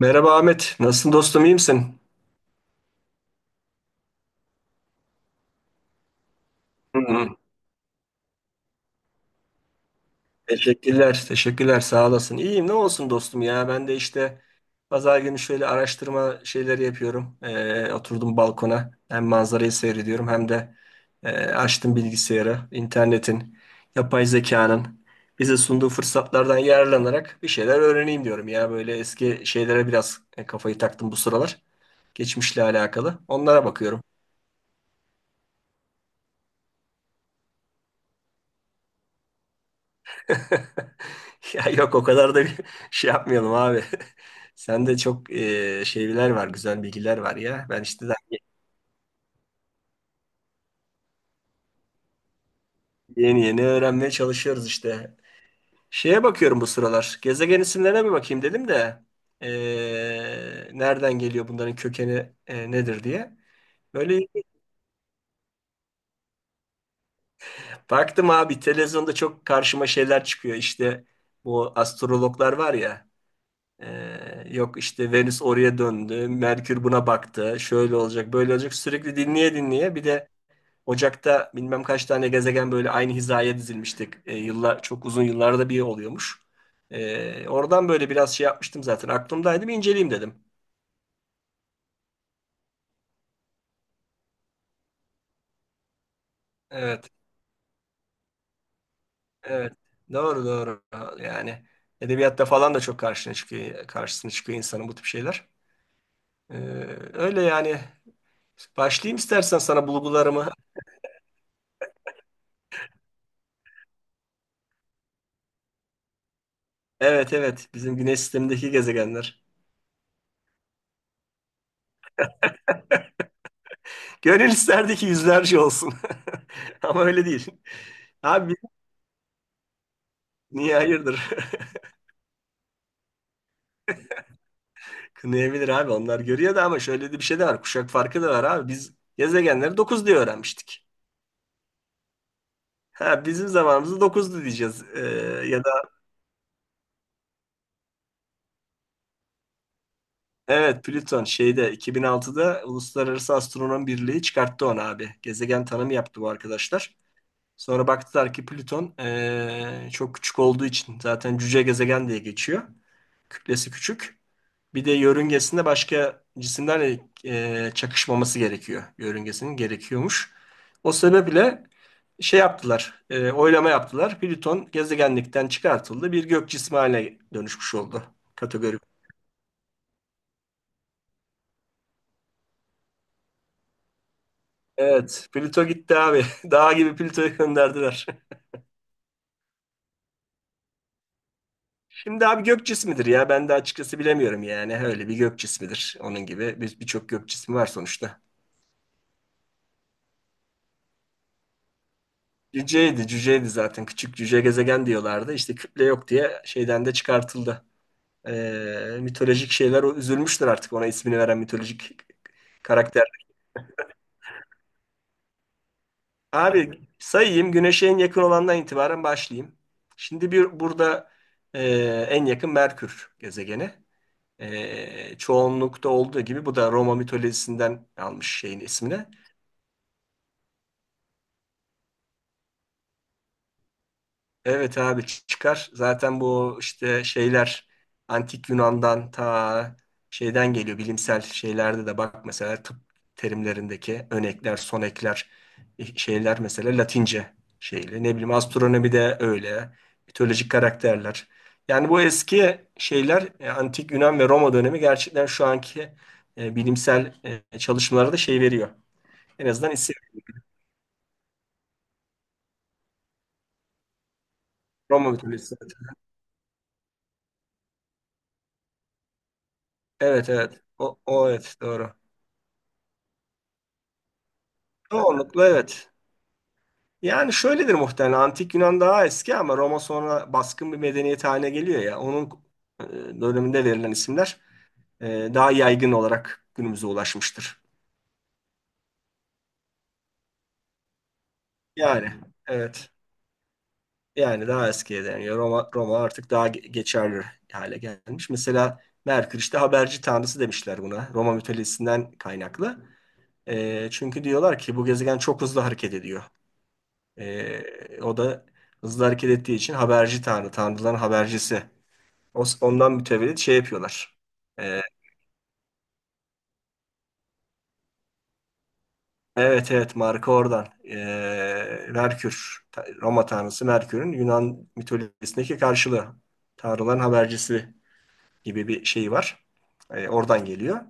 Merhaba Ahmet. Nasılsın dostum? İyi misin? Hı hı. Teşekkürler. Teşekkürler. Sağ olasın. İyiyim. Ne olsun dostum ya. Ben de işte pazar günü şöyle araştırma şeyleri yapıyorum. Oturdum balkona. Hem manzarayı seyrediyorum hem de açtım bilgisayarı. İnternetin, yapay zekanın bize sunduğu fırsatlardan yararlanarak bir şeyler öğreneyim diyorum ya. Böyle eski şeylere biraz kafayı taktım bu sıralar. Geçmişle alakalı. Onlara bakıyorum. Ya yok o kadar da bir şey yapmayalım abi. Sende çok şeyler var, güzel bilgiler var ya. Ben işte daha yeni yeni öğrenmeye çalışıyoruz işte. Şeye bakıyorum bu sıralar. Gezegen isimlerine bir bakayım dedim de e, nereden geliyor bunların kökeni nedir diye. Böyle baktım abi televizyonda çok karşıma şeyler çıkıyor. İşte bu astrologlar var ya. Yok işte Venüs oraya döndü, Merkür buna baktı, şöyle olacak, böyle olacak. Sürekli dinleye dinleye bir de Ocak'ta bilmem kaç tane gezegen böyle aynı hizaya dizilmiştik. Yıllar çok uzun yıllarda bir oluyormuş. Oradan böyle biraz şey yapmıştım zaten. Aklımdaydı bir inceleyeyim dedim. Evet, evet. Doğru doğru. Yani edebiyatta falan da çok karşısına çıkıyor insanın bu tip şeyler. Ee, öyle yani. Başlayayım istersen sana bulgularımı. Evet, evet. Bizim güneş sistemindeki gezegenler. Gönül isterdi ki yüzlerce olsun. Ama öyle değil. Abi niye hayırdır? Kınayabilir abi onlar görüyor da ama şöyle de bir şey de var. Kuşak farkı da var abi. Biz gezegenleri 9 diye öğrenmiştik. Ha, bizim zamanımızda 9'du diyeceğiz. Ya da evet Plüton şeyde 2006'da Uluslararası Astronom Birliği çıkarttı onu abi. Gezegen tanımı yaptı bu arkadaşlar. Sonra baktılar ki Plüton çok küçük olduğu için zaten cüce gezegen diye geçiyor. Kütlesi küçük. Bir de yörüngesinde başka cisimlerle çakışmaması gerekiyor. Yörüngesinin gerekiyormuş. O sebeple şey yaptılar, oylama yaptılar. Plüton gezegenlikten çıkartıldı. Bir gök cismi haline dönüşmüş oldu kategori. Evet, Plüto gitti abi. Dağ gibi Plüto'yu gönderdiler. Şimdi abi gök cismidir ya. Ben de açıkçası bilemiyorum yani. Öyle bir gök cismidir. Onun gibi birçok gök cismi var sonuçta. Cüceydi, cüceydi zaten. Küçük cüce gezegen diyorlardı. İşte küple yok diye şeyden de çıkartıldı. Mitolojik şeyler o üzülmüştür artık ona ismini veren mitolojik karakter. Abi sayayım Güneş'e en yakın olandan itibaren başlayayım. Şimdi bir burada e, en yakın Merkür gezegeni. Çoğunlukta olduğu gibi bu da Roma mitolojisinden almış şeyin ismini. Evet abi çıkar. Zaten bu işte şeyler antik Yunan'dan ta şeyden geliyor. Bilimsel şeylerde de bak mesela tıp terimlerindeki önekler, sonekler şeyler mesela Latince şeyle. Ne bileyim astronomi de öyle. Mitolojik karakterler. Yani bu eski şeyler antik Yunan ve Roma dönemi gerçekten şu anki bilimsel çalışmalara da şey veriyor. En azından isim Roma mitolojisi. Evet, evet. O evet doğru. Çoğunlukla evet. Yani şöyledir muhtemelen Antik Yunan daha eski ama Roma sonra baskın bir medeniyet haline geliyor ya. Onun e, döneminde verilen isimler daha yaygın olarak günümüze ulaşmıştır. Yani evet yani daha eskiye dayanıyor. Roma, Roma artık daha geçerli hale gelmiş. Mesela Merkür işte haberci tanrısı demişler buna Roma mitolojisinden kaynaklı. Çünkü diyorlar ki bu gezegen çok hızlı hareket ediyor. O da hızlı hareket ettiği için haberci tanrı, tanrıların habercisi. Ondan mütevellit şey yapıyorlar. Ee, evet evet marka oradan. Merkür, Roma tanrısı Merkür'ün Yunan mitolojisindeki karşılığı. Tanrıların habercisi gibi bir şey var. Oradan geliyor.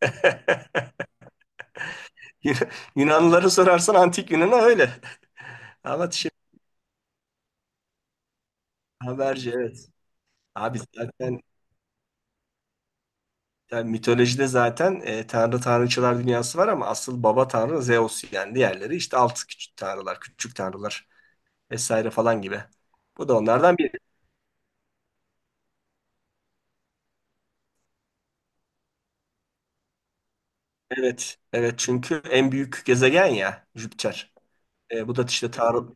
Yun- Yunanlıları sorarsan antik Yunan'a öyle. Ama şimdi haberci evet. Abi zaten yani mitolojide zaten tanrı tanrıçılar dünyası var ama asıl baba tanrı Zeus yani diğerleri işte alt küçük tanrılar, küçük tanrılar. Vesaire falan gibi. Bu da onlardan biri. Evet, evet çünkü en büyük gezegen ya Jüpiter. Bu da işte Tanrı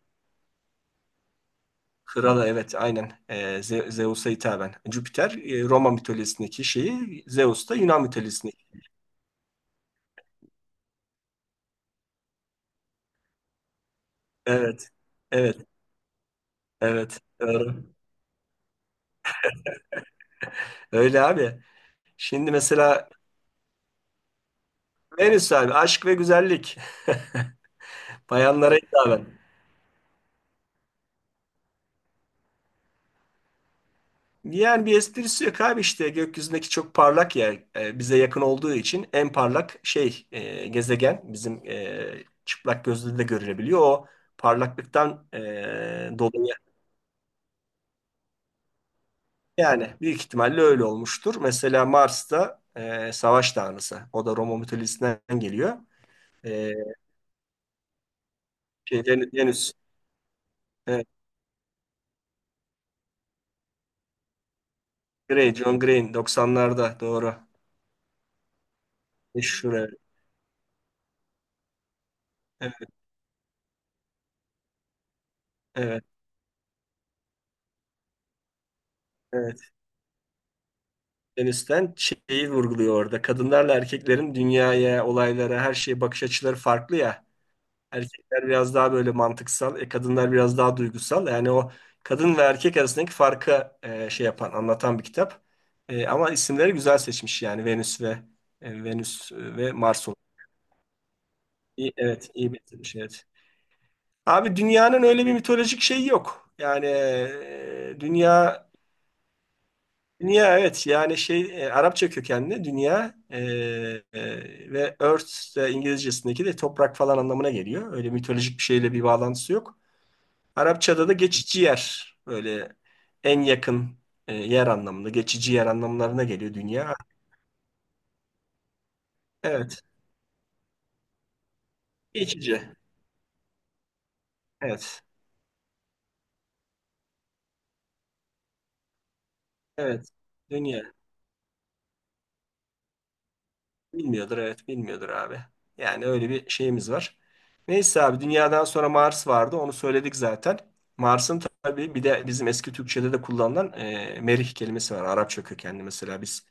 kralı evet aynen Zeus'a hitaben. Jüpiter Roma mitolojisindeki şeyi, Zeus da Yunan mitolojisindeki. Evet, evet, evet. Doğru. Öyle abi. Şimdi mesela Venüs abi aşk ve güzellik. Bayanlara hitaben. Yani bir esprisi yok abi işte gökyüzündeki çok parlak yer bize yakın olduğu için en parlak şey gezegen bizim çıplak gözle de görülebiliyor. O parlaklıktan dolayı yani büyük ihtimalle öyle olmuştur. Mesela Mars'ta savaş tanrısı o da Roma mitolojisinden geliyor. E, şey, Venüs, evet, Grey, John Green 90'larda doğru. Meşhur evet. Evet, evet. Afganistan şeyi vurguluyor orada. Kadınlarla erkeklerin dünyaya, olaylara, her şeye bakış açıları farklı ya. Erkekler biraz daha böyle mantıksal, kadınlar biraz daha duygusal. Yani o kadın ve erkek arasındaki farkı şey yapan, anlatan bir kitap. Ama isimleri güzel seçmiş yani Venüs ve Mars olarak. İyi, evet, iyi bitirmiş evet. Abi dünyanın öyle bir mitolojik şeyi yok. Yani dünya Dünya evet yani şey Arapça kökenli dünya ve Earth de İngilizcesindeki de toprak falan anlamına geliyor. Öyle mitolojik bir şeyle bir bağlantısı yok. Arapçada da geçici yer böyle en yakın yer anlamında geçici yer anlamlarına geliyor dünya. Evet geçici evet evet dünya. Bilmiyordur evet bilmiyordur abi. Yani öyle bir şeyimiz var. Neyse abi dünyadan sonra Mars vardı onu söyledik zaten. Mars'ın tabii bir de bizim eski Türkçe'de de kullanılan merih kelimesi var. Arapça kökenli mesela biz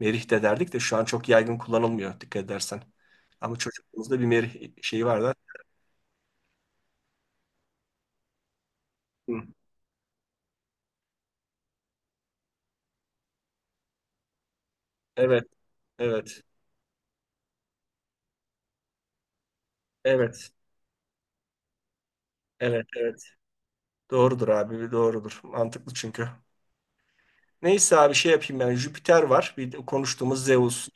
merih de derdik de şu an çok yaygın kullanılmıyor dikkat edersen. Ama çocukluğumuzda bir merih şeyi var da. Hı. Evet, evet, evet, evet, evet. Doğrudur abi, doğrudur. Mantıklı çünkü. Neyse abi şey yapayım ben. Jüpiter var. Bir de konuştuğumuz Zeus.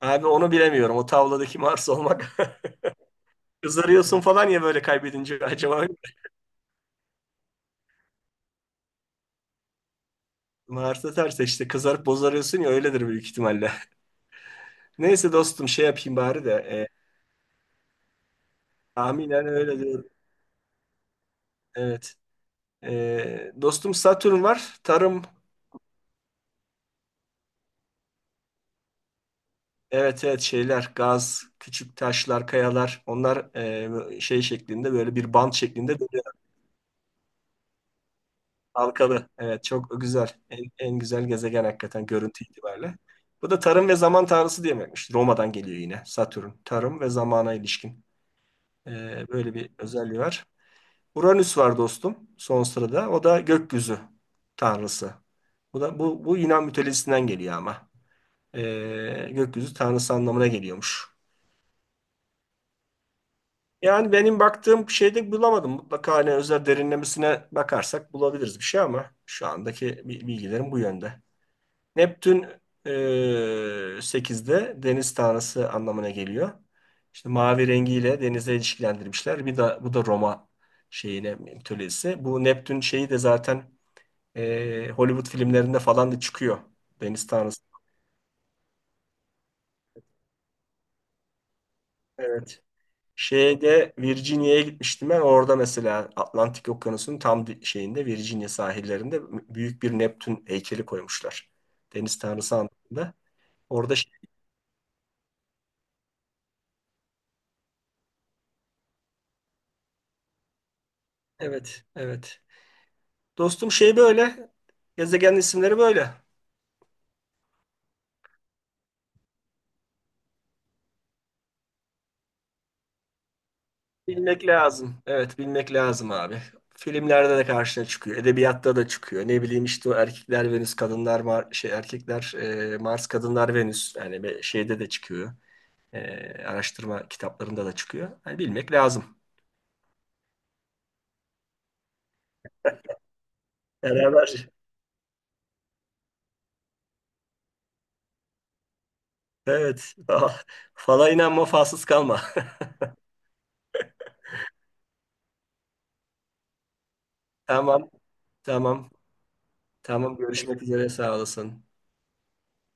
Abi onu bilemiyorum. O tavladaki Mars olmak. Kızarıyorsun falan ya böyle kaybedince acaba Mars'ta terse işte kızarıp bozarıyorsun ya öyledir büyük ihtimalle. Neyse dostum şey yapayım bari de. Tahminen öyle diyorum. Evet. Dostum Satürn var. Tarım. Evet, evet şeyler gaz, küçük taşlar, kayalar onlar şey şeklinde böyle bir bant şeklinde. Halkalı. Evet çok güzel. En güzel gezegen hakikaten görüntü itibariyle. Bu da tarım ve zaman tanrısı diye demekmiş. Roma'dan geliyor yine Satürn. Tarım ve zamana ilişkin. Böyle bir özelliği var. Uranüs var dostum son sırada. O da gökyüzü tanrısı. Bu da bu Yunan mitolojisinden geliyor ama. Gökyüzü tanrısı anlamına geliyormuş. Yani benim baktığım şeyde bulamadım. Mutlaka hani özel derinlemesine bakarsak bulabiliriz bir şey ama şu andaki bilgilerim bu yönde. Neptün e, 8'de deniz tanrısı anlamına geliyor. İşte mavi rengiyle denize ilişkilendirmişler. Bir de bu da Roma şeyine mitolojisi. Bu Neptün şeyi de zaten Hollywood filmlerinde falan da çıkıyor. Deniz tanrısı. Evet. Şeyde Virginia'ya gitmiştim ben. Orada mesela Atlantik Okyanusu'nun tam şeyinde Virginia sahillerinde büyük bir Neptün heykeli koymuşlar. Deniz tanrısı anlamında. Orada şey, evet, evet. Dostum şey böyle. Gezegen isimleri böyle. Bilmek lazım. Evet bilmek lazım abi. Filmlerde de karşına çıkıyor. Edebiyatta da çıkıyor. Ne bileyim işte o erkekler Venüs, kadınlar Mar şey erkekler Mars, kadınlar Venüs. Yani şeyde de çıkıyor. E, araştırma kitaplarında da çıkıyor. Yani bilmek lazım. Beraber. Evet. Fala inanma, falsız kalma. Tamam. Tamam. Tamam. Görüşmek üzere. Sağ olasın.